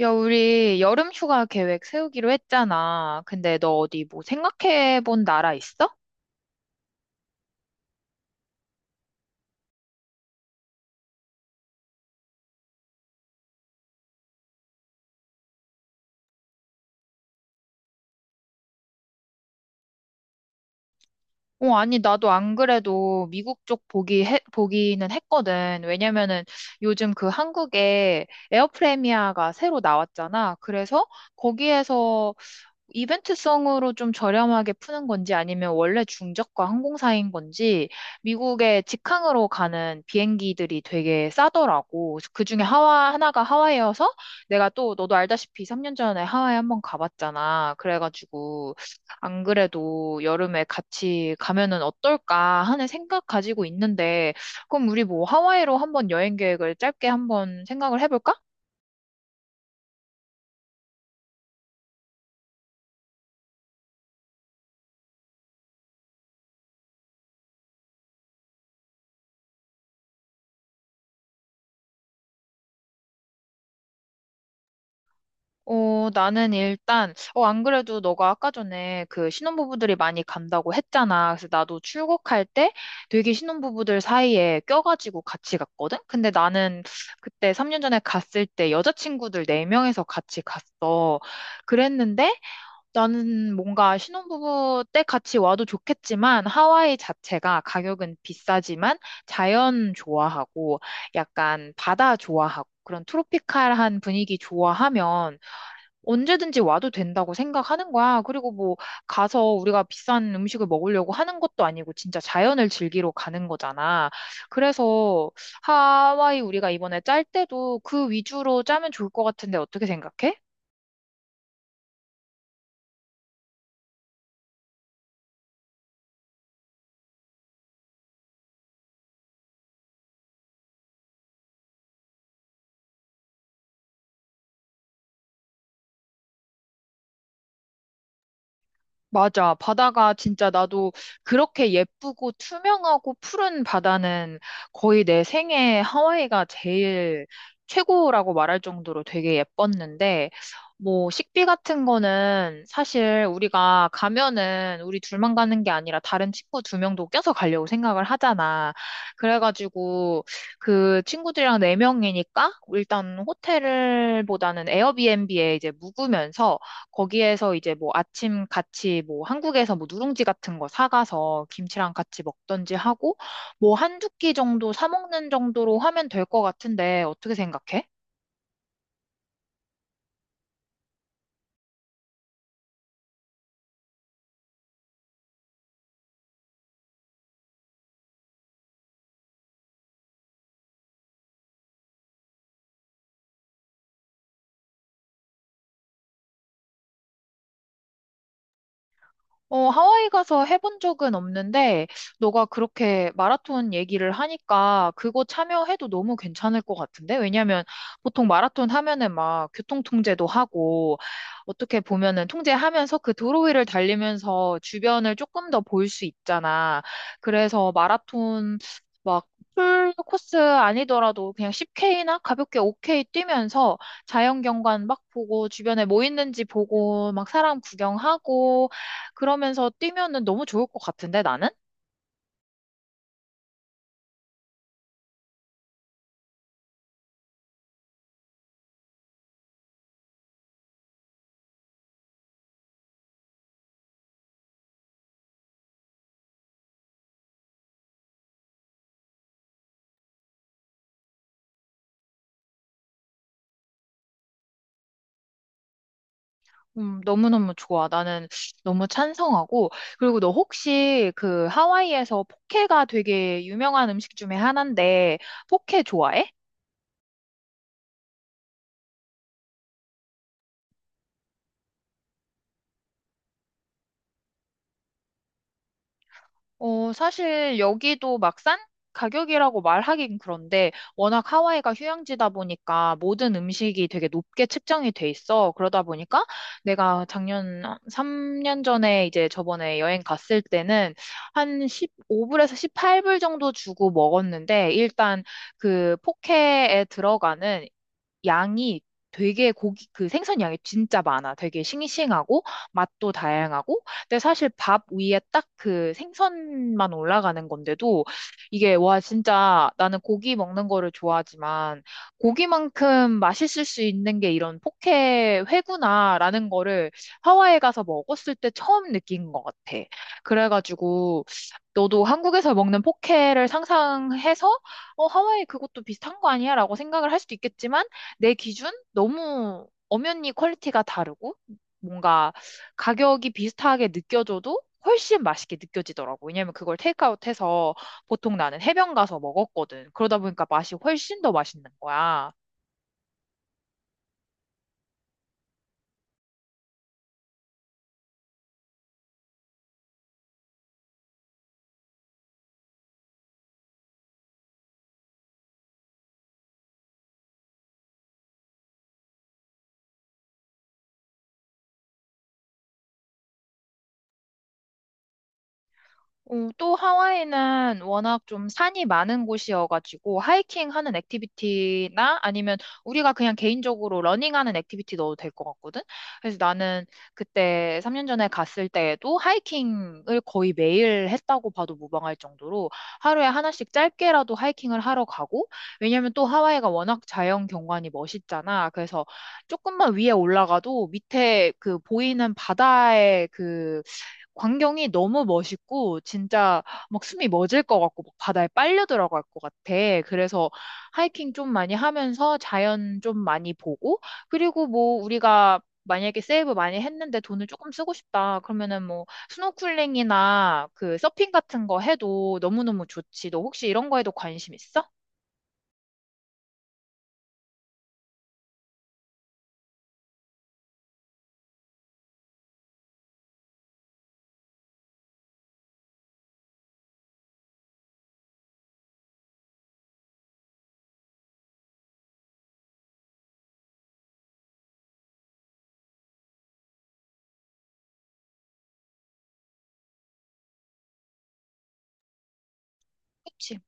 야, 우리 여름 휴가 계획 세우기로 했잖아. 근데 너 어디 뭐 생각해 본 나라 있어? 어, 아니, 나도 안 그래도 미국 쪽 보기는 했거든. 왜냐면은 요즘 그 한국에 에어프레미아가 새로 나왔잖아. 그래서 거기에서 이벤트성으로 좀 저렴하게 푸는 건지 아니면 원래 중저가 항공사인 건지 미국의 직항으로 가는 비행기들이 되게 싸더라고. 그중에 하와 하나가 하와이여서 내가 또 너도 알다시피 3년 전에 하와이 한번 가봤잖아. 그래가지고 안 그래도 여름에 같이 가면은 어떨까 하는 생각 가지고 있는데, 그럼 우리 뭐 하와이로 한번 여행 계획을 짧게 한번 생각을 해볼까? 어, 나는 일단, 안 그래도 너가 아까 전에 그 신혼부부들이 많이 간다고 했잖아. 그래서 나도 출국할 때 되게 신혼부부들 사이에 껴가지고 같이 갔거든? 근데 나는 그때 3년 전에 갔을 때 여자친구들 4명에서 같이 갔어. 그랬는데 나는 뭔가 신혼부부 때 같이 와도 좋겠지만, 하와이 자체가 가격은 비싸지만 자연 좋아하고 약간 바다 좋아하고 그런 트로피칼한 분위기 좋아하면 언제든지 와도 된다고 생각하는 거야. 그리고 뭐 가서 우리가 비싼 음식을 먹으려고 하는 것도 아니고 진짜 자연을 즐기러 가는 거잖아. 그래서 하와이 우리가 이번에 짤 때도 그 위주로 짜면 좋을 것 같은데, 어떻게 생각해? 맞아. 바다가 진짜, 나도 그렇게 예쁘고 투명하고 푸른 바다는 거의 내 생애 하와이가 제일 최고라고 말할 정도로 되게 예뻤는데, 뭐, 식비 같은 거는 사실 우리가 가면은 우리 둘만 가는 게 아니라 다른 친구 두 명도 껴서 가려고 생각을 하잖아. 그래가지고 그 친구들이랑 네 명이니까 일단 호텔보다는 에어비앤비에 이제 묵으면서 거기에서 이제 뭐 아침 같이 뭐 한국에서 뭐 누룽지 같은 거 사가서 김치랑 같이 먹던지 하고, 뭐 한두 끼 정도 사 먹는 정도로 하면 될 것 같은데 어떻게 생각해? 어, 하와이 가서 해본 적은 없는데, 너가 그렇게 마라톤 얘기를 하니까 그거 참여해도 너무 괜찮을 것 같은데? 왜냐면 보통 마라톤 하면은 막 교통 통제도 하고, 어떻게 보면은 통제하면서 그 도로위를 달리면서 주변을 조금 더 볼 수 있잖아. 그래서 마라톤, 막 풀 코스 아니더라도 그냥 10K나 가볍게 5K 뛰면서 자연 경관 막 보고 주변에 뭐 있는지 보고 막 사람 구경하고, 그러면서 뛰면은 너무 좋을 것 같은데, 나는? 너무너무 좋아. 나는 너무 찬성하고. 그리고 너 혹시, 그 하와이에서 포케가 되게 유명한 음식 중에 하나인데, 포케 좋아해? 어, 사실 여기도 막싼 가격이라고 말하긴 그런데, 워낙 하와이가 휴양지다 보니까 모든 음식이 되게 높게 측정이 돼 있어. 그러다 보니까 내가 작년, 3년 전에 이제 저번에 여행 갔을 때는 한 15불에서 18불 정도 주고 먹었는데, 일단 그 포케에 들어가는 양이, 되게 고기, 그 생선 양이 진짜 많아. 되게 싱싱하고 맛도 다양하고. 근데 사실 밥 위에 딱 그 생선만 올라가는 건데도 이게 와 진짜, 나는 고기 먹는 거를 좋아하지만 고기만큼 맛있을 수 있는 게 이런 포케, 회구나라는 거를 하와이에 가서 먹었을 때 처음 느낀 것 같아. 그래가지고 너도 한국에서 먹는 포케를 상상해서 하와이 그것도 비슷한 거 아니야? 라고 생각을 할 수도 있겠지만, 내 기준? 너무 엄연히 퀄리티가 다르고, 뭔가 가격이 비슷하게 느껴져도 훨씬 맛있게 느껴지더라고. 왜냐면 그걸 테이크아웃 해서 보통 나는 해변 가서 먹었거든. 그러다 보니까 맛이 훨씬 더 맛있는 거야. 어, 또 하와이는 워낙 좀 산이 많은 곳이어가지고 하이킹 하는 액티비티나, 아니면 우리가 그냥 개인적으로 러닝하는 액티비티 넣어도 될 것 같거든. 그래서 나는 그때 3년 전에 갔을 때에도 하이킹을 거의 매일 했다고 봐도 무방할 정도로 하루에 하나씩 짧게라도 하이킹을 하러 가고. 왜냐면 또 하와이가 워낙 자연 경관이 멋있잖아. 그래서 조금만 위에 올라가도 밑에 그 보이는 바다의 그 광경이 너무 멋있고 진짜 막 숨이 멎을 것 같고 막 바다에 빨려 들어갈 것 같아. 그래서 하이킹 좀 많이 하면서 자연 좀 많이 보고, 그리고 뭐 우리가 만약에 세이브 많이 했는데 돈을 조금 쓰고 싶다, 그러면은 뭐 스노클링이나 그 서핑 같은 거 해도 너무너무 좋지. 너 혹시 이런 거에도 관심 있어? 그치?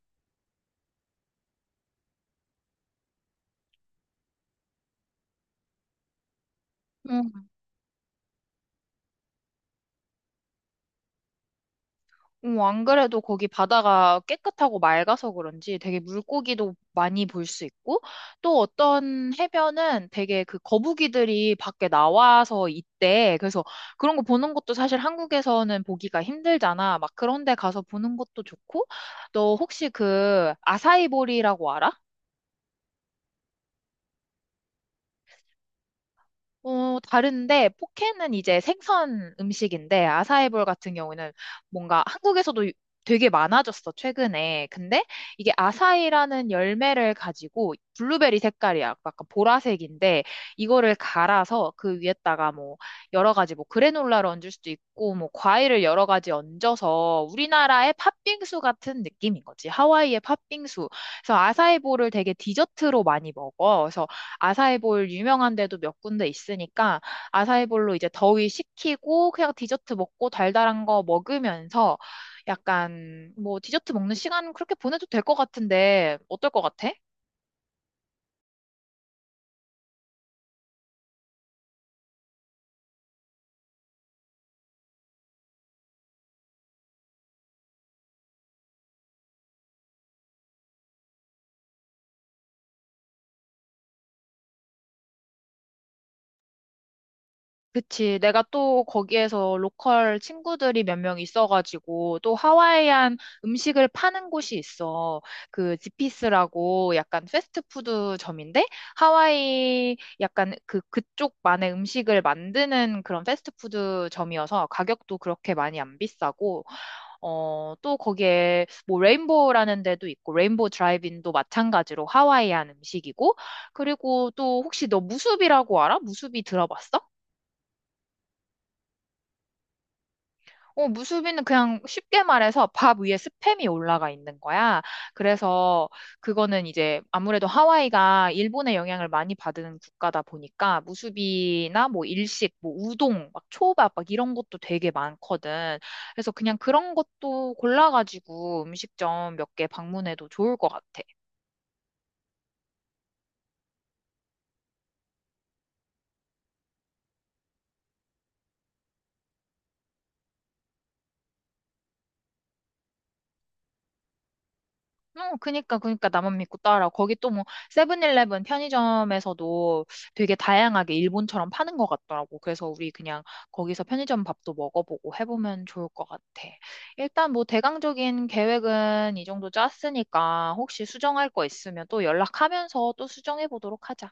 어, 안 그래도 거기 바다가 깨끗하고 맑아서 그런지 되게 물고기도 많이 볼 수 있고, 또 어떤 해변은 되게 그 거북이들이 밖에 나와서 있대. 그래서 그런 거 보는 것도 사실 한국에서는 보기가 힘들잖아. 막 그런 데 가서 보는 것도 좋고. 너 혹시 그 아사이보리라고 알아? 어, 다른데, 포케는 이제 생선 음식인데, 아사이볼 같은 경우는, 뭔가 한국에서도 되게 많아졌어, 최근에. 근데 이게 아사이라는 열매를 가지고, 블루베리 색깔이, 야, 약간 보라색인데, 이거를 갈아서 그 위에다가 뭐, 여러 가지, 뭐, 그래놀라를 얹을 수도 있고, 뭐, 과일을 여러 가지 얹어서 우리나라의 팥빙수 같은 느낌인 거지. 하와이의 팥빙수. 그래서 아사이볼을 되게 디저트로 많이 먹어. 그래서 아사이볼 유명한 데도 몇 군데 있으니까 아사이볼로 이제 더위 식히고 그냥 디저트 먹고 달달한 거 먹으면서 약간 뭐 디저트 먹는 시간 그렇게 보내도 될 것 같은데, 어떨 것 같아? 그치. 내가 또 거기에서 로컬 친구들이 몇 명 있어가지고 또 하와이안 음식을 파는 곳이 있어. 그 지피스라고 약간 패스트푸드 점인데, 하와이 약간 그 그쪽만의 음식을 만드는 그런 패스트푸드 점이어서 가격도 그렇게 많이 안 비싸고, 어, 또 거기에 뭐 레인보우라는 데도 있고, 레인보우 드라이빈도 마찬가지로 하와이안 음식이고. 그리고 또 혹시 너 무수비라고 알아? 무수비 들어봤어? 어, 무수비는 그냥 쉽게 말해서 밥 위에 스팸이 올라가 있는 거야. 그래서 그거는 이제 아무래도 하와이가 일본의 영향을 많이 받은 국가다 보니까 무수비나 뭐 일식, 뭐 우동, 막 초밥, 막 이런 것도 되게 많거든. 그래서 그냥 그런 것도 골라가지고 음식점 몇 개 방문해도 좋을 것 같아. 어, 그니까, 나만 믿고 따라. 거기 또 뭐, 세븐일레븐 편의점에서도 되게 다양하게 일본처럼 파는 것 같더라고. 그래서 우리 그냥 거기서 편의점 밥도 먹어보고 해보면 좋을 것 같아. 일단 뭐, 대강적인 계획은 이 정도 짰으니까, 혹시 수정할 거 있으면 또 연락하면서 또 수정해 보도록 하자.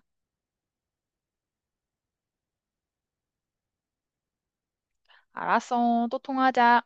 알았어. 또 통화하자.